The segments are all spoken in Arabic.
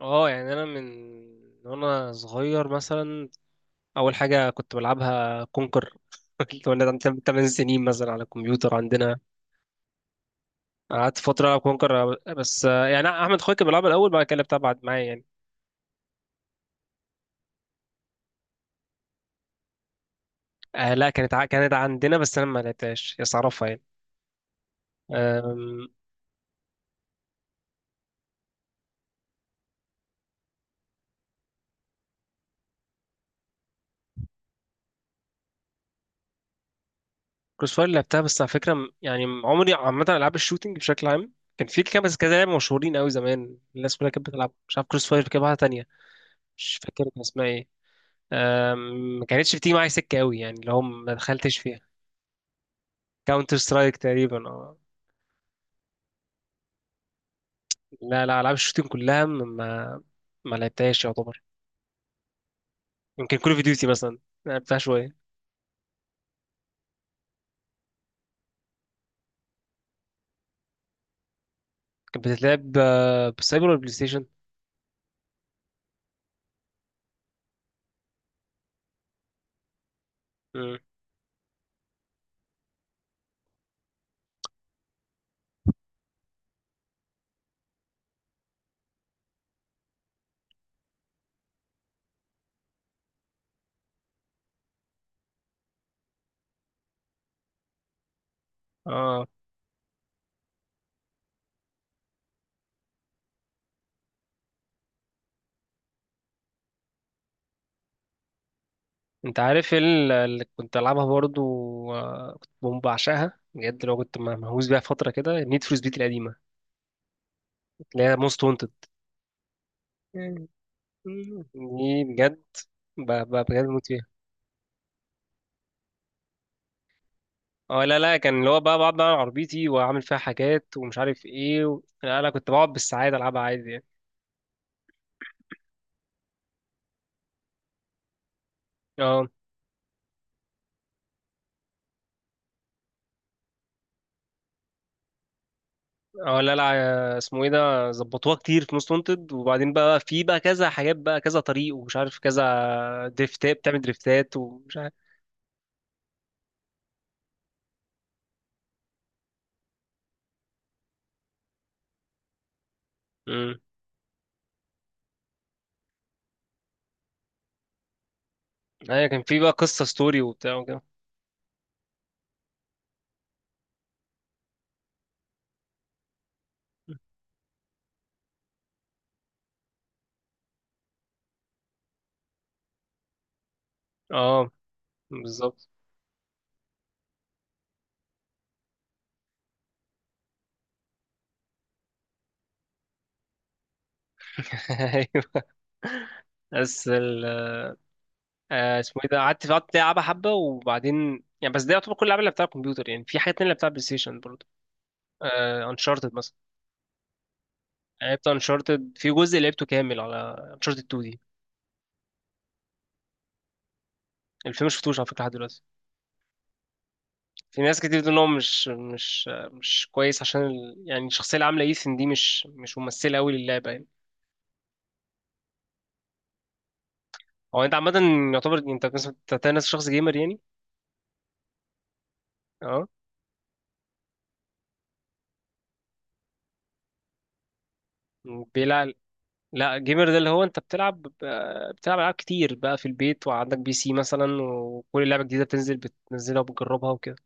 اه، يعني انا من وانا صغير مثلا اول حاجه كنت بلعبها كونكر. وانا عندي 8 سنين مثلا على الكمبيوتر عندنا. قعدت فتره العب كونكر، بس يعني احمد اخويا كان بيلعبها الاول، بعد كده لعبتها بعد معايا يعني. آه لا، كانت عندنا بس انا ما لعبتهاش، بس اعرفها يعني. كروس فاير لعبتها، بس على فكره يعني عمري عامه العاب الشوتينج بشكل عام كان في كام بس كذا لعبه مشهورين قوي زمان، الناس كلها كانت بتلعب، مش عارف كروس فاير كده واحده تانيه، مش فاكر كان اسمها ايه. ما كانتش بتيجي معايا سكه قوي، يعني اللي هو ما دخلتش فيها. كاونتر سترايك تقريبا، اه. لا لا، العاب الشوتينج كلها ما لعبتهاش يعتبر. يمكن كول اوف ديوتي مثلا، لعبتها شويه. كانت بتتلعب بالسايبر ولا بلاي ستيشن؟ مم. اه، انت عارف اللي كنت العبها برضو، كنت بقوم بعشقها بجد لو كنت مهووس بيها فتره كده، نيد فور سبيد القديمه اللي هي موست وانتد دي، بجد بجد بموت فيها. اه لا لا، كان اللي هو بقى بقعد بقى على عربيتي واعمل فيها حاجات ومش عارف ايه و لا لا كنت بقعد بالساعات العبها عادي يعني. اه اه، لا لا، اسمه ايه ده، ظبطوها كتير في موست وانتد، وبعدين بقى في بقى كذا حاجات بقى كذا طريق ومش عارف كذا، دريفتات بتعمل دريفتات ومش عارف. امم ايوه، كان في بقى قصة ستوري وبتاع وكده. اه بالظبط. ايوه. بس ال اسمه ايه ده، قعدت العبها حبه وبعدين يعني، بس ده يعتبر كل الالعاب اللي بتاع الكمبيوتر، يعني في حاجات تانية اللي بتاع بلاي ستيشن برضه. انشارتد، لعبت انشارتد في جزء لعبته كامل على انشارتد 2 دي. الفيلم ما شفتوش على فكره لحد دلوقتي. في ناس كتير بتقول ان هو مش كويس، عشان يعني الشخصيه اللي عامله ايثن دي مش ممثله قوي للعبه يعني. هو انت عامه، يعتبر انت مثلا بتتنس شخص جيمر يعني؟ اه بيلعب. لا، جيمر ده اللي هو انت بتلعب، بتلعب العاب كتير بقى في البيت، وعندك بي سي مثلا، وكل لعبه جديده بتنزل بتنزلها وبتجربها وكده.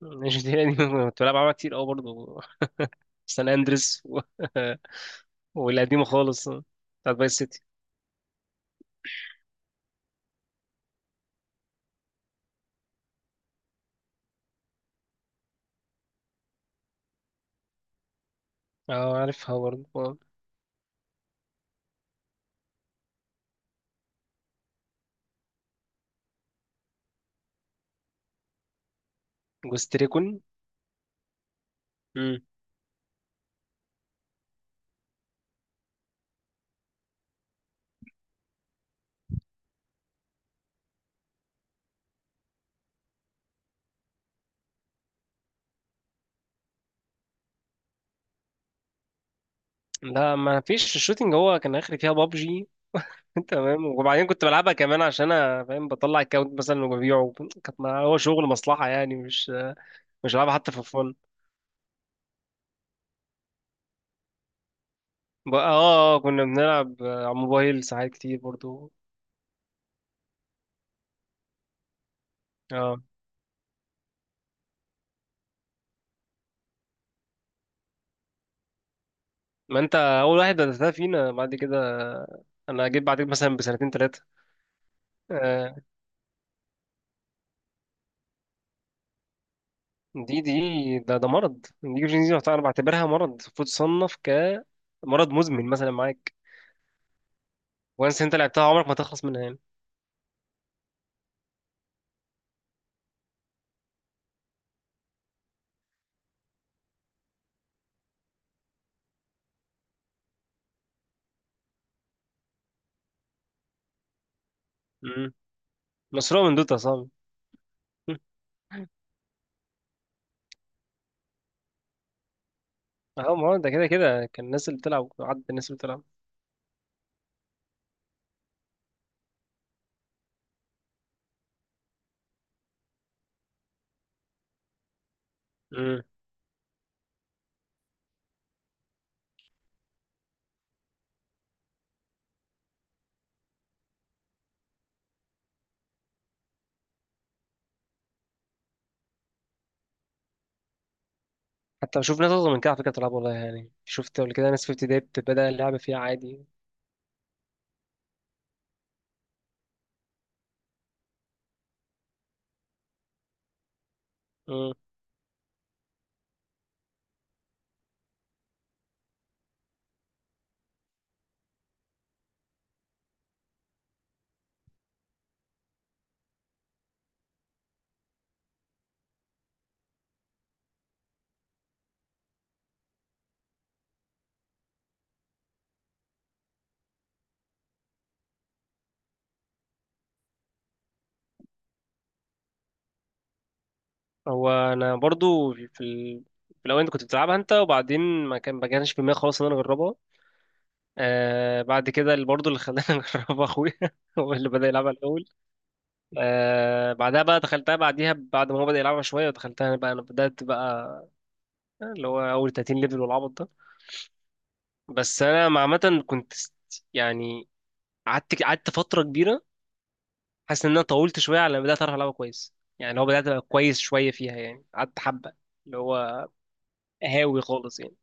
مش دي يعني، كنت بلعب العاب كتير قوي برضه. سان اندريس و والقديمة خالص، بتاعت باي سيتي. اه عارفها برضه. جوست ريكون. مم. لا ما فيش الشوتينج، هو كان اخري فيها بابجي. تمام وبعدين كنت بلعبها كمان عشان انا فاهم بطلع الكاونت مثلا وببيعه، كانت ما هو شغل مصلحة يعني، مش بلعبها حتى في فن. بقى اه، كنا بنلعب على الموبايل ساعات كتير برضو. اه، ما انت اول واحد بدأتها فينا بعد كده، انا جيت بعدك مثلا بسنتين ثلاثة. دي دي ده ده مرض النيوروجينيزي، أنا بعتبرها مرض المفروض تصنف كمرض مزمن مثلا معاك، وانس انت لعبتها عمرك ما تخلص منها يعني. امم مسروقة من دوتا صعب. مم. اهو، ما هو ده كده كده كان الناس اللي بتلعب عدد الناس اللي بتلعب. امم حتى بشوف ناس اصغر من كده على فكرة بتلعب، والله يعني شفت قبل كده ناس في ابتدائي بتبدأ اللعبة فيها عادي. امم هو انا برضو في في الاول انت كنت بتلعبها انت، وبعدين ما كانش في دماغي خالص ان انا اجربها. بعد كده اللي برضه اللي خلاني اجربها اخويا، هو اللي بدأ يلعبها الاول. بعدها بقى دخلتها بعديها، بعد ما هو بدأ يلعبها شوية دخلتها أنا بقى، أنا بدأت بقى اللي هو أول 30 ليفل والعبط ده. بس أنا عامة كنت يعني قعدت فترة كبيرة، حاسس إن أنا طولت شوية على ما بدأت أعرف ألعبها كويس يعني، هو بدأت أبقى كويس شوية فيها يعني قعدت حبة، اللي هو هاوي خالص يعني.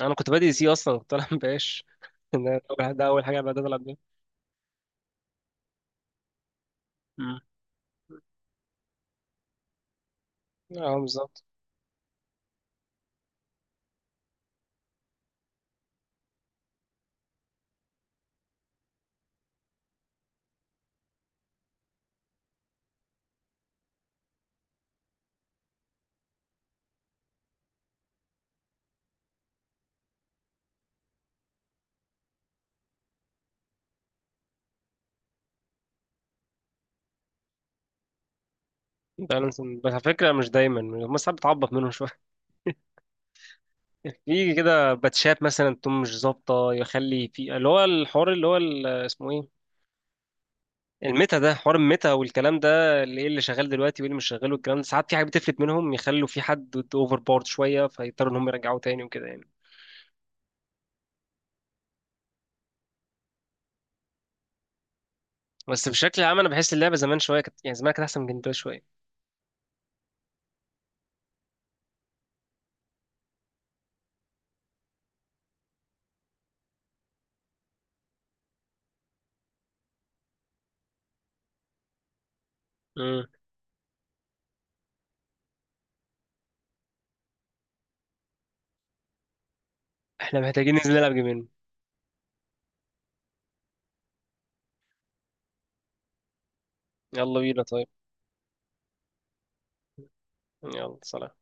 أنا كنت بادئ سي، أصلا كنت ألعب باش. ده أول ده أول حاجة بدأت ألعب بيها. أمم. اه بالظبط. بالانس، بس على فكرة مش دايما، بس ساعات بتعبط منهم شوية، في كده باتشات مثلا تكون مش ظابطه يخلي في اللي هو الحوار اللي هو اسمه ايه، الميتا ده، حوار الميتا والكلام ده، اللي ايه اللي شغال دلوقتي وايه اللي مش شغال والكلام ده، ساعات في حاجات بتفلت منهم يخلوا في حد اوفر بورد شويه فيضطروا ان هم يرجعوه تاني وكده يعني. بس بشكل عام انا بحس اللعبه زمان شويه كانت، يعني زمان كانت احسن من كده شويه. امم احنا محتاجين ننزل نلعب جيمين. يلا بينا طيب. يلا سلام.